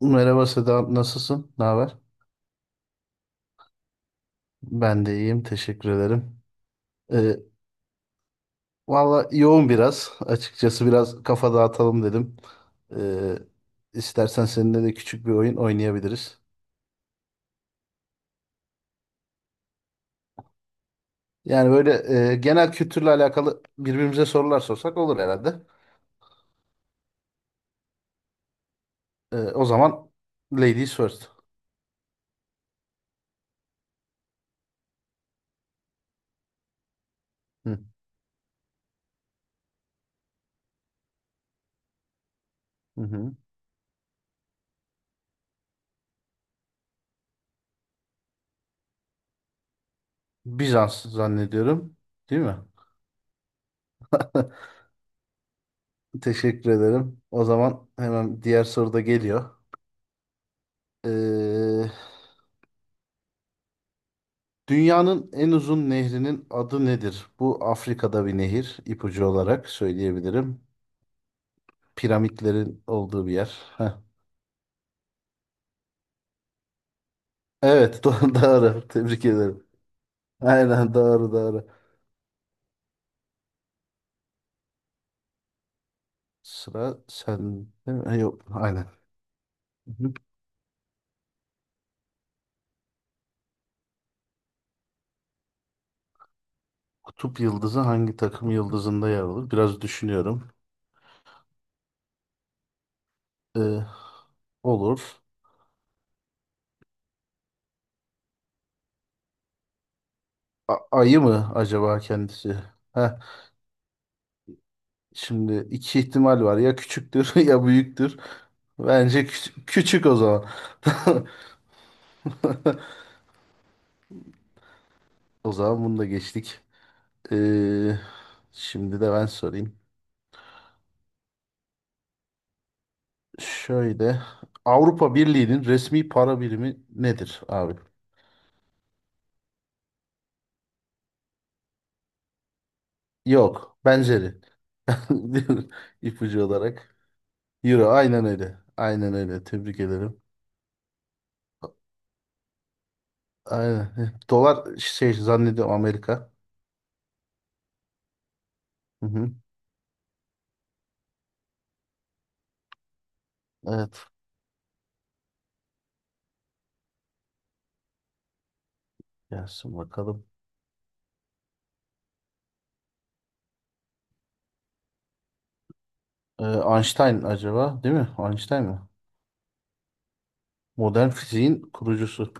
Merhaba Seda, nasılsın? Ne haber? Ben de iyiyim, teşekkür ederim. Ee, Valla yoğun biraz. Açıkçası biraz kafa dağıtalım dedim. Ee, istersen seninle de küçük bir oyun oynayabiliriz. Yani böyle genel kültürle alakalı birbirimize sorular sorsak olur herhalde. O zaman ladies first. Hı, hı hı. Bizans zannediyorum, değil mi? Teşekkür ederim. O zaman hemen diğer soru da geliyor. Ee, Dünyanın en uzun nehrinin adı nedir? Bu Afrika'da bir nehir, İpucu olarak söyleyebilirim. Piramitlerin olduğu bir yer. Heh. Evet, doğru. Tebrik ederim. Aynen, doğru doğru. Sıra sen Yok, aynen. Hı. Kutup yıldızı hangi takım yıldızında yer alır? Biraz düşünüyorum. Ee, olur. Ayı mı acaba kendisi? Heh. Şimdi iki ihtimal var. Ya küçüktür ya büyüktür. Bence küçük o zaman. O zaman bunu da geçtik. Ee, Şimdi de ben sorayım. Şöyle, Avrupa Birliği'nin resmi para birimi nedir abi? Yok, benzeri. İpucu olarak. Euro, aynen öyle. Aynen öyle. Tebrik ederim. Aynen. Dolar şey zannediyorum Amerika. Hı hı. Evet. Gelsin bakalım. Einstein acaba, değil mi? Einstein mi? Modern fiziğin kurucusu.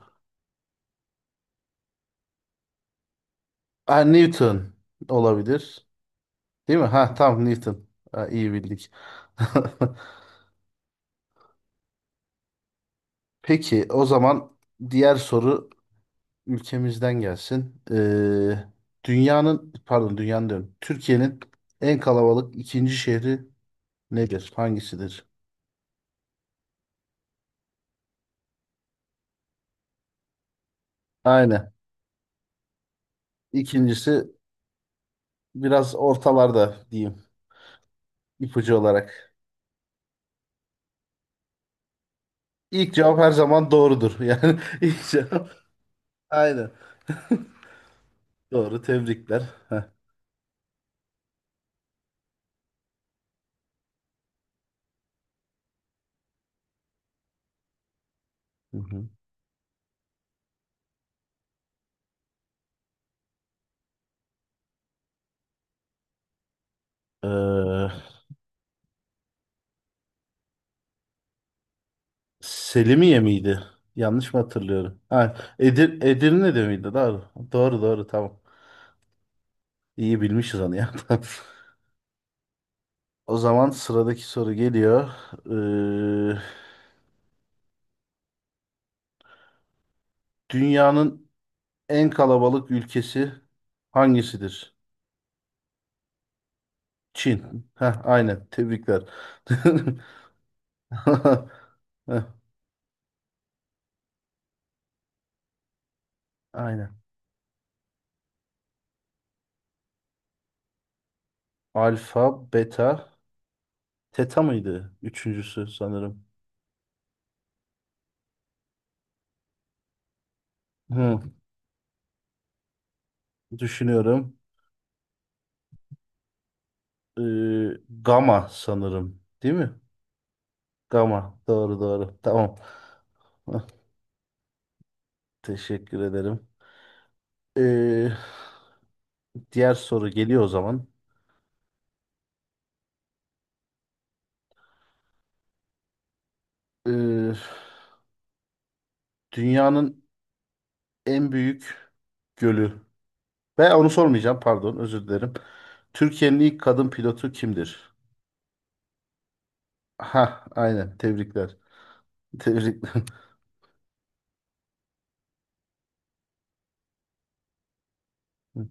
Ha, Newton olabilir. Değil mi? Ha, tamam, Newton. Ha, iyi bildik. Peki o zaman diğer soru ülkemizden gelsin. Dünyanın diyorum, Türkiye'nin en kalabalık ikinci şehri nedir? Hangisidir? Aynen. İkincisi biraz ortalarda diyeyim, ipucu olarak. İlk cevap her zaman doğrudur. Yani ilk cevap, aynen. Doğru, tebrikler. Heh. Hı hı. Ee, Selimiye miydi? Yanlış mı hatırlıyorum? Ha, Edirne'de miydi? Doğru. Doğru doğru, tamam. İyi bilmişiz onu ya. Tamam. O zaman sıradaki soru geliyor. Ee, dünyanın en kalabalık ülkesi hangisidir? Çin. Ha, aynen. Tebrikler. Heh, aynen. Alfa, beta, teta mıydı? Üçüncüsü sanırım. Hı, düşünüyorum. Ee, gamma sanırım. Değil mi? Tamam. Doğru doğru. Tamam. Hah, teşekkür ederim. Ee, diğer soru geliyor o zaman. Ee, dünyanın en büyük gölü. Ben onu sormayacağım. Pardon. Özür dilerim. Türkiye'nin ilk kadın pilotu kimdir? Ha, aynen. Tebrikler. Tebrikler. Hı.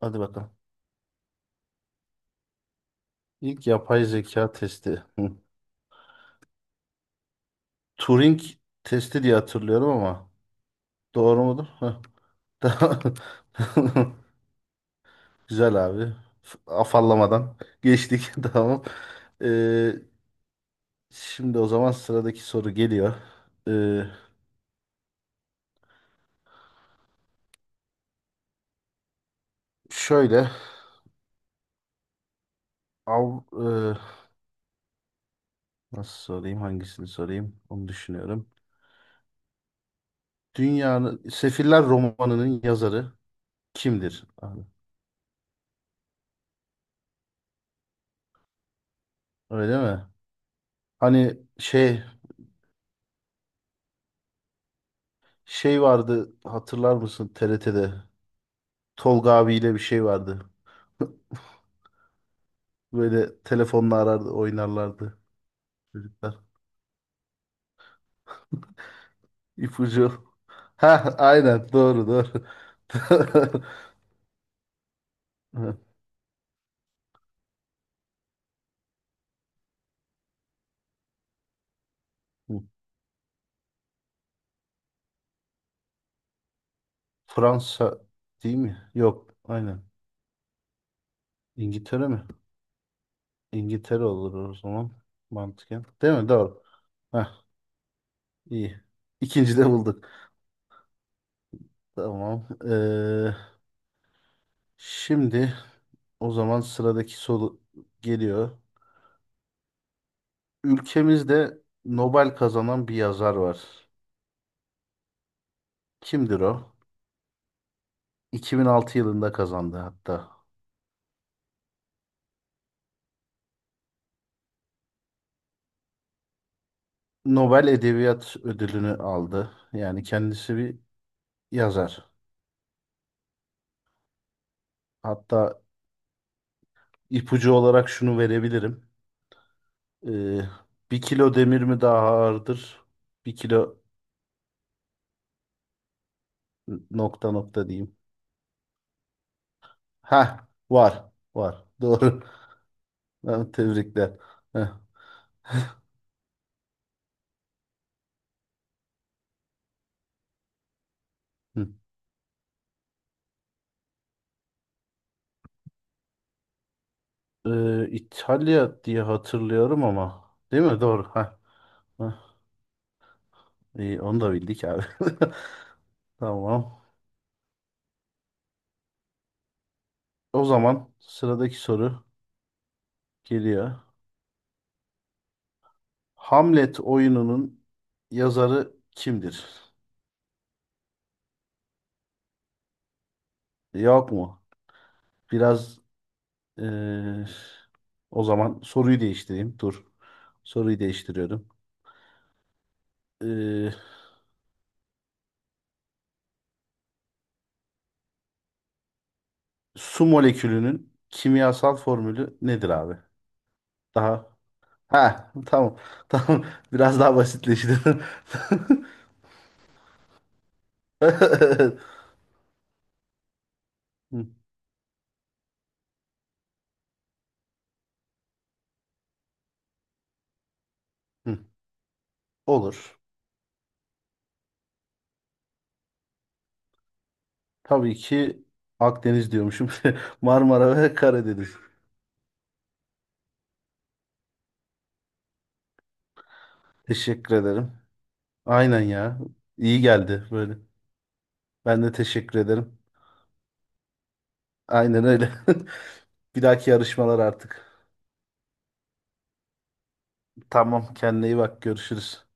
Hadi bakalım. İlk yapay zeka testi. Hı. Turing testi diye hatırlıyorum ama, doğru mudur? Hı. Tamam. Güzel abi. Afallamadan geçtik. Tamam. Ee, şimdi o zaman sıradaki soru geliyor. Ee, şöyle av, e, nasıl sorayım, hangisini sorayım onu düşünüyorum. Sefiller romanının yazarı kimdir abi? Öyle mi? Hani şey, vardı hatırlar mısın, TRT'de Tolga abiyle bir şey vardı. Böyle telefonla arardı, oynarlardı çocuklar. İpucu. Ha, aynen, doğru doğru. Fransa değil mi? Yok, aynen. İngiltere mi? İngiltere olur o zaman mantıken. Değil mi? Doğru. Heh, iyi. İkinci de bulduk. Tamam. Şimdi o zaman sıradaki soru geliyor. Ülkemizde Nobel kazanan bir yazar var. Kimdir o? 2006 yılında kazandı hatta. Nobel Edebiyat Ödülünü aldı. Yani kendisi bir yazar. Hatta ipucu olarak şunu verebilirim. Ee, bir kilo demir mi daha ağırdır? Bir kilo nokta nokta diyeyim. Ha, var, var. Doğru. Ha, tebrikler. Heh, hı. İtalya diye hatırlıyorum ama. Değil mi? Doğru. Ha. Ha, iyi, onu da bildik abi. Tamam. O zaman sıradaki soru geliyor. Hamlet oyununun yazarı kimdir? Yok mu? Biraz eee, o zaman soruyu değiştireyim. Dur. Soruyu değiştiriyorum. Eee, su molekülünün kimyasal formülü nedir abi? Daha. Ha, tamam. Tamam. Biraz daha basitleşti. Hı, hı. Olur. Tabii ki Akdeniz diyormuşum. Marmara ve Karadeniz. Teşekkür ederim. Aynen ya. İyi geldi böyle. Ben de teşekkür ederim. Aynen öyle. Bir dahaki yarışmalar artık. Tamam, kendine iyi bak. Görüşürüz.